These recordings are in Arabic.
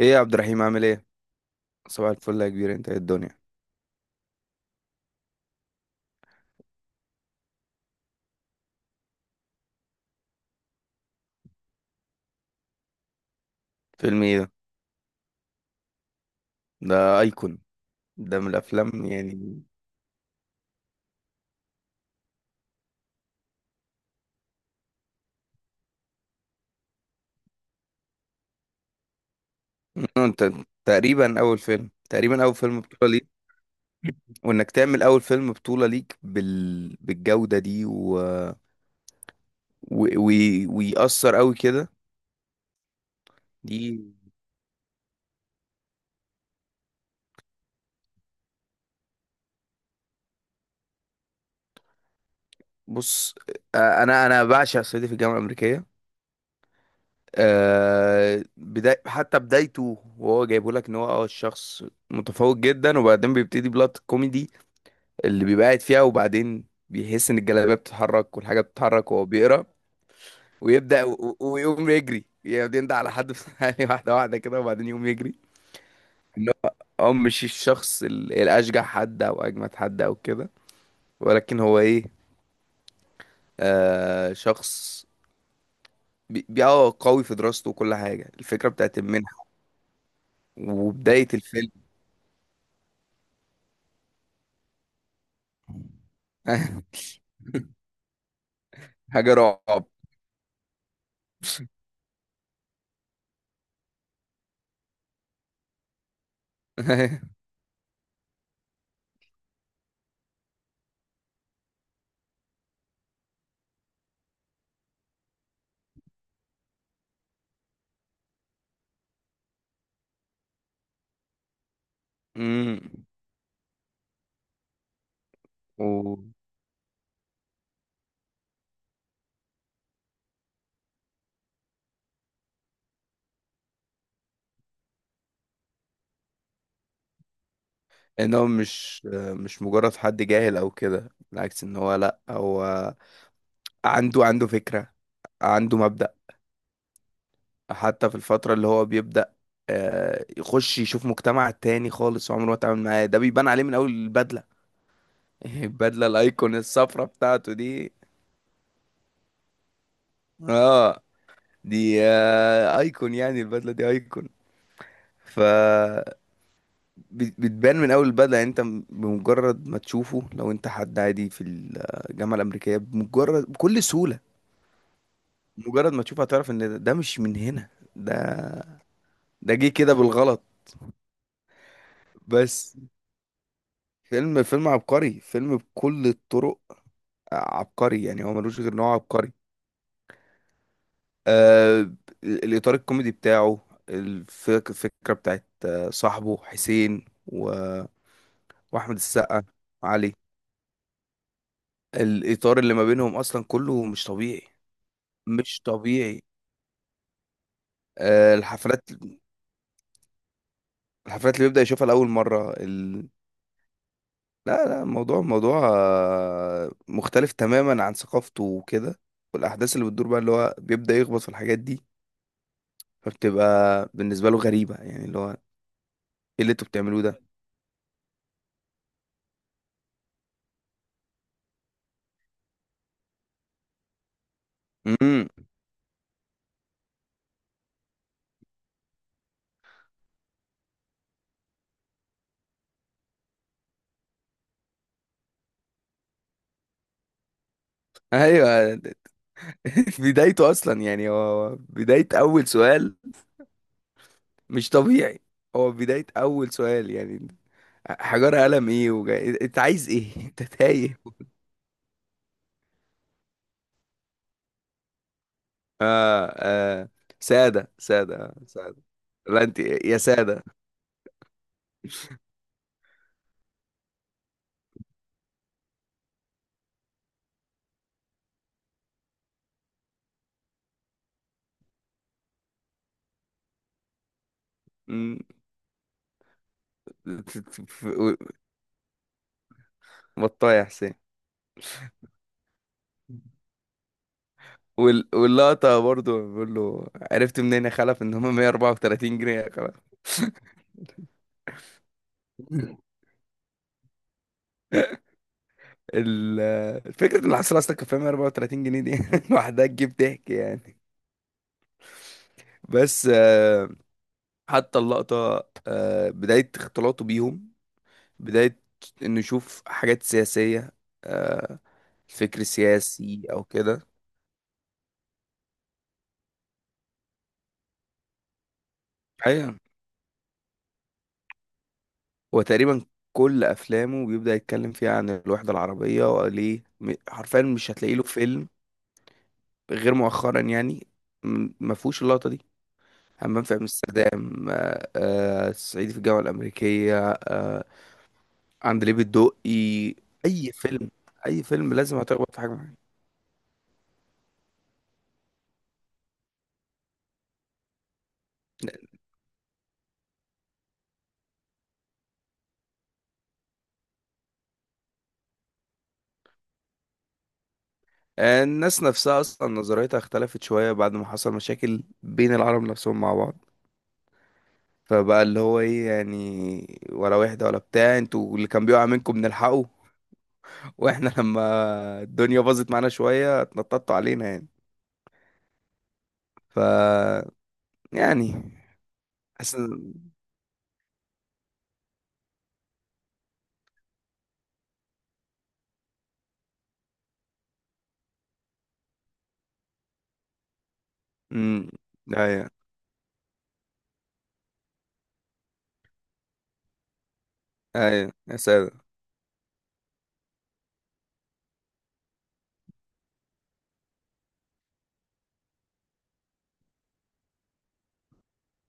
ايه يا عبد الرحيم عامل ايه. صباح الفل يا كبير، انت ايه الدنيا؟ فيلم ايه ده؟ ده ايكون. ده من الافلام يعني. انت تقريبا اول فيلم بطولة ليك. وانك تعمل اول فيلم بطولة ليك بالجودة دي و... و... ويأثر قوي كده دي. بص، انا بعشق صعيدي في الجامعة الأمريكية. حتى بدايته، وهو جايبه لك ان هو الشخص متفوق جدا، وبعدين بيبتدي بلوت كوميدي اللي بيبقى قاعد فيها، وبعدين بيحس ان الجلابيه بتتحرك والحاجه بتتحرك وهو بيقرا. ويبدا ويقوم يجري، يعني يندع على حد في يعني واحده واحده كده وبعدين يقوم يجري. ان هو مش الشخص الاشجع حد او اجمد حد او كده، ولكن هو ايه؟ آه شخص قوي في دراسته وكل حاجه، الفكره بتاعت المنحه وبدايه الفيلم. حاجه رعب. امم. ان هو مش مجرد حد جاهل او كده، بالعكس ان هو لا، هو عنده فكرة، عنده مبدأ. حتى في الفترة اللي هو بيبدأ يخش يشوف مجتمع تاني خالص وعمره ما اتعامل معاه، ده بيبان عليه من اول البدلة. البدلة الايكون، الصفرة بتاعته دي. اه دي ايكون، يعني البدلة دي ايكون. ف بتبان من اول البدله، يعني انت بمجرد ما تشوفه، لو انت حد عادي في الجامعه الامريكيه بمجرد، بكل سهوله مجرد ما تشوفه هتعرف ان ده مش من هنا. ده ده جه كده بالغلط. بس فيلم عبقري، فيلم بكل الطرق عبقري، يعني هو ملوش غير نوع عبقري. آه الاطار الكوميدي بتاعه، الفكره بتاعت صاحبه حسين واحمد السقا وعلي. الاطار اللي ما بينهم اصلا كله مش طبيعي، مش طبيعي. الحفلات، الحفلات اللي بيبدأ يشوفها لأول مرة. لا لا، الموضوع موضوع مختلف تماما عن ثقافته وكده. والاحداث اللي بتدور بقى، اللي هو بيبدا يخبط في الحاجات دي، فبتبقى بالنسبه له غريبه، يعني اللي هو ايه؟ اللي انتوا بتعملوه ده. امم. ايوه. بدايته اصلا يعني، هو بدايه اول سؤال مش طبيعي. هو بدايه اول سؤال يعني، حجار قلم ايه؟ انت عايز ايه؟ انت تايه. اه. اه. ساده ساده ساده. لا انت يا ساده. مم. بطاية يا حسين. واللقطة برضو بيقول له، عرفت منين يا خلف ان هم 134 جنيه يا خلف؟ ال... الفكرة ان الحصيلة اصلا كان فيها 134 جنيه دي لوحدها تجيب ضحك يعني. بس حتى اللقطة بداية اختلاطه بيهم، بداية انه يشوف حاجات سياسية. آه، الفكر السياسي او كده. ايوه. هو تقريبا كل افلامه بيبدأ يتكلم فيها عن الوحدة العربية وليه، حرفيا مش هتلاقي له فيلم غير مؤخرا يعني ما فيهوش اللقطة دي. همام في امستردام، صعيدي في الجامعة الأمريكية، عندليب الدقي. أي فيلم، أي فيلم لازم هتخبط في حاجة معينة. الناس نفسها أصلا نظريتها اختلفت شوية بعد ما حصل مشاكل بين العرب نفسهم مع بعض. فبقى اللي هو ايه يعني؟ ولا واحدة ولا بتاع، انتوا اللي كان بيقع منكم بنلحقه. واحنا لما الدنيا باظت معانا شوية اتنططوا علينا يعني. ف يعني حاسس إن-. مم. أيوة. ايوه يا ساتر.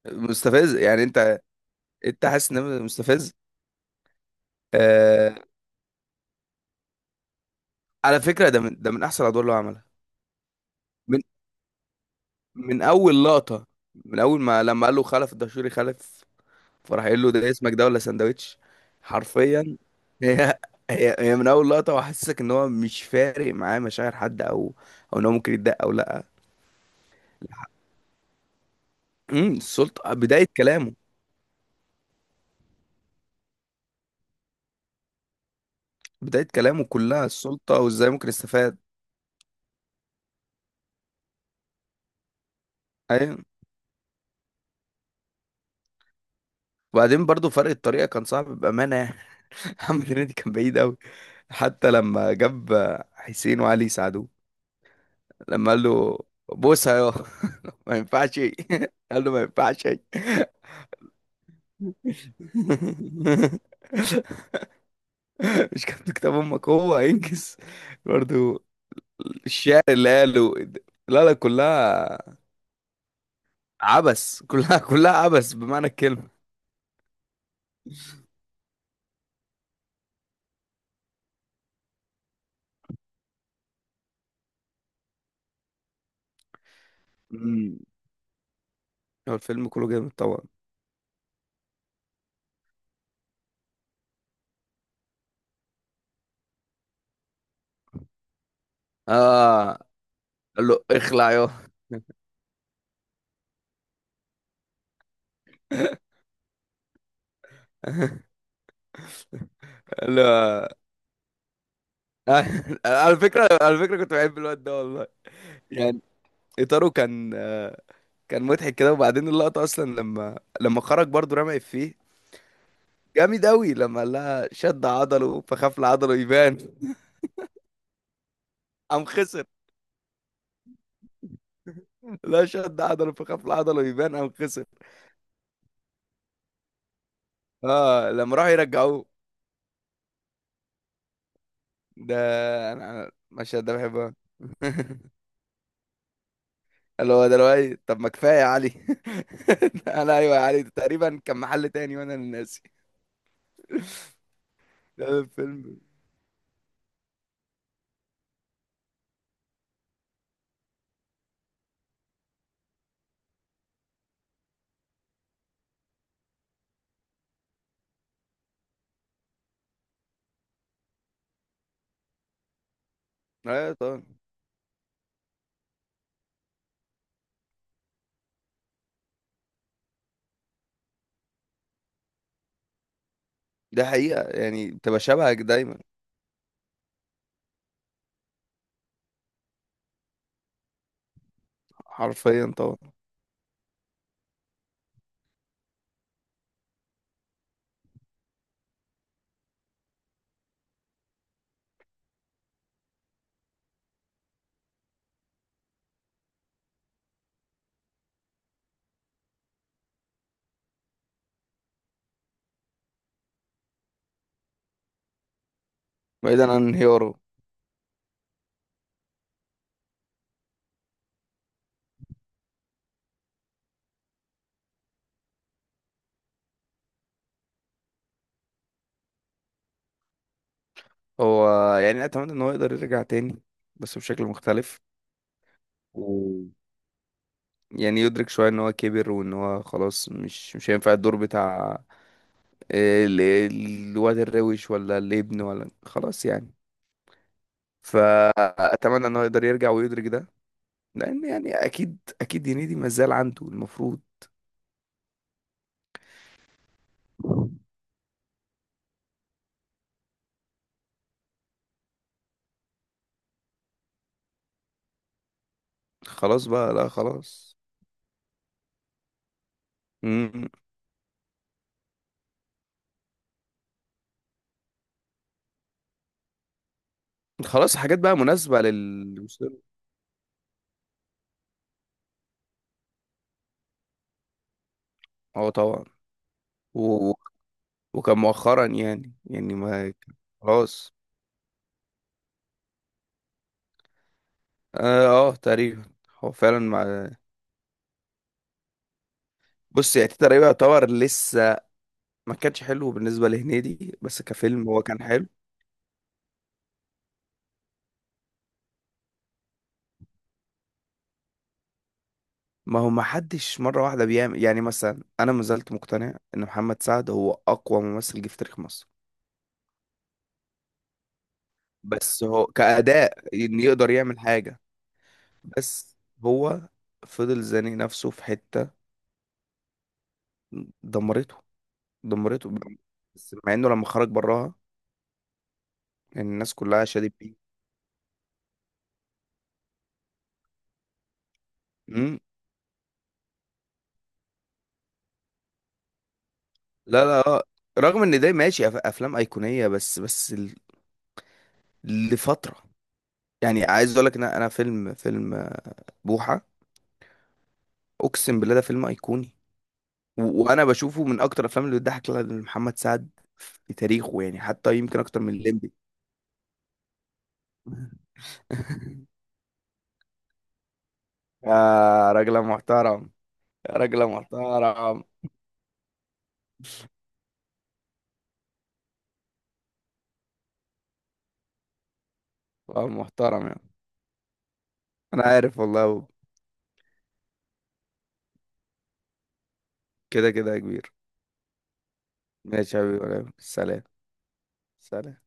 مستفز يعني انت. انت حاسس ان مستفز. آه... على فكره، ده من احسن الادوار اللي هو عملها. من من اول لقطه، من اول ما لما قال له خلف الدشوري خلف، فراح قايل له ده اسمك ده ولا سندوتش؟ حرفيا. هي هي من اول لقطه وحسسك ان هو مش فارق معاه مشاعر حد او ان هو ممكن يتضايق او لا. امم. السلطه، بدايه كلامه. بدايه كلامه كلها السلطه وازاي ممكن يستفاد. ايوه. وبعدين برضو فرق الطريقة كان صعب بأمانة يعني. محمد هنيدي كان بعيد أوي. حتى لما جاب حسين وعلي يساعدوه، لما قال له بوسها يا ما ينفعش قال له ما ينفعش مش كاتب كتاب امك، هو هينجز برضو. الشعر اللي قاله، لا لا كلها عبس، كلها عبس بمعنى الكلمة. مم. هو الفيلم كله جامد طبعا. اه، قال له اخلع يا لا. على فكرة، على فكرة كنت بحب الواد ده والله، يعني إطاره كان كان مضحك كده، وبعدين اللقطة أصلا لما خرج برضه رمى إفيه، جامد أوي لما قال لها شد عضله فخاف لعضله يبان قام خسر. لا، شد عضله فخاف لعضله يبان قام خسر. اه، لما راحوا يرجعوه ده. أنا المشهد ده بحبه أوي. اللي هو دلوقتي، طب ما كفاية يا علي أنا أيوه يا علي، ده تقريبا كان محل تاني وأنا اللي ناسي ده الفيلم. أيوة طبعا. ده حقيقة يعني، بتبقى شبهك دايما. حرفيا طبعا. بعيدا عن انهياره. هو يعني أتمنى إن هو يقدر يرجع تاني، بس بشكل مختلف، ويعني يدرك شوية إن هو كبر وإن هو خلاص مش هينفع الدور بتاع الواد الروش ولا الابن، ولا خلاص يعني. فأتمنى إن هو يقدر يرجع ويدرك ده، لأن يعني أكيد أكيد هنيدي ما زال عنده المفروض. خلاص بقى، لا خلاص. مم. خلاص حاجات بقى مناسبة للوصول. اه طبعا. و... و- وكان مؤخرا يعني ما خلاص. تقريبا. هو فعلا مع، بص يعني تيتا رهيبة يعتبر لسه ما كانش حلو بالنسبة لهنيدي بس كفيلم هو كان حلو. ما هو ما حدش مرة واحدة بيعمل، يعني مثلا أنا ما زلت مقتنع إن محمد سعد هو أقوى ممثل جه في تاريخ مصر. بس هو كأداء إن يقدر يعمل حاجة، بس هو فضل زانق نفسه في حتة، دمرته، دمرته. بس مع إنه لما خرج براها يعني الناس كلها شادت بيه. مم. لا لا رغم ان ده ماشي افلام ايقونيه، بس لفتره، يعني عايز اقول لك ان انا فيلم بوحه، اقسم بالله ده فيلم ايقوني. وانا بشوفه من اكتر الافلام اللي بتضحك لمحمد سعد في تاريخه، يعني حتى يمكن اكتر من الليمبي. يا راجل محترم. يا راجل محترم. محترم يعني، انا عارف والله. كده كده يا كبير. ماشي يا حبيبي، سلام. سلام.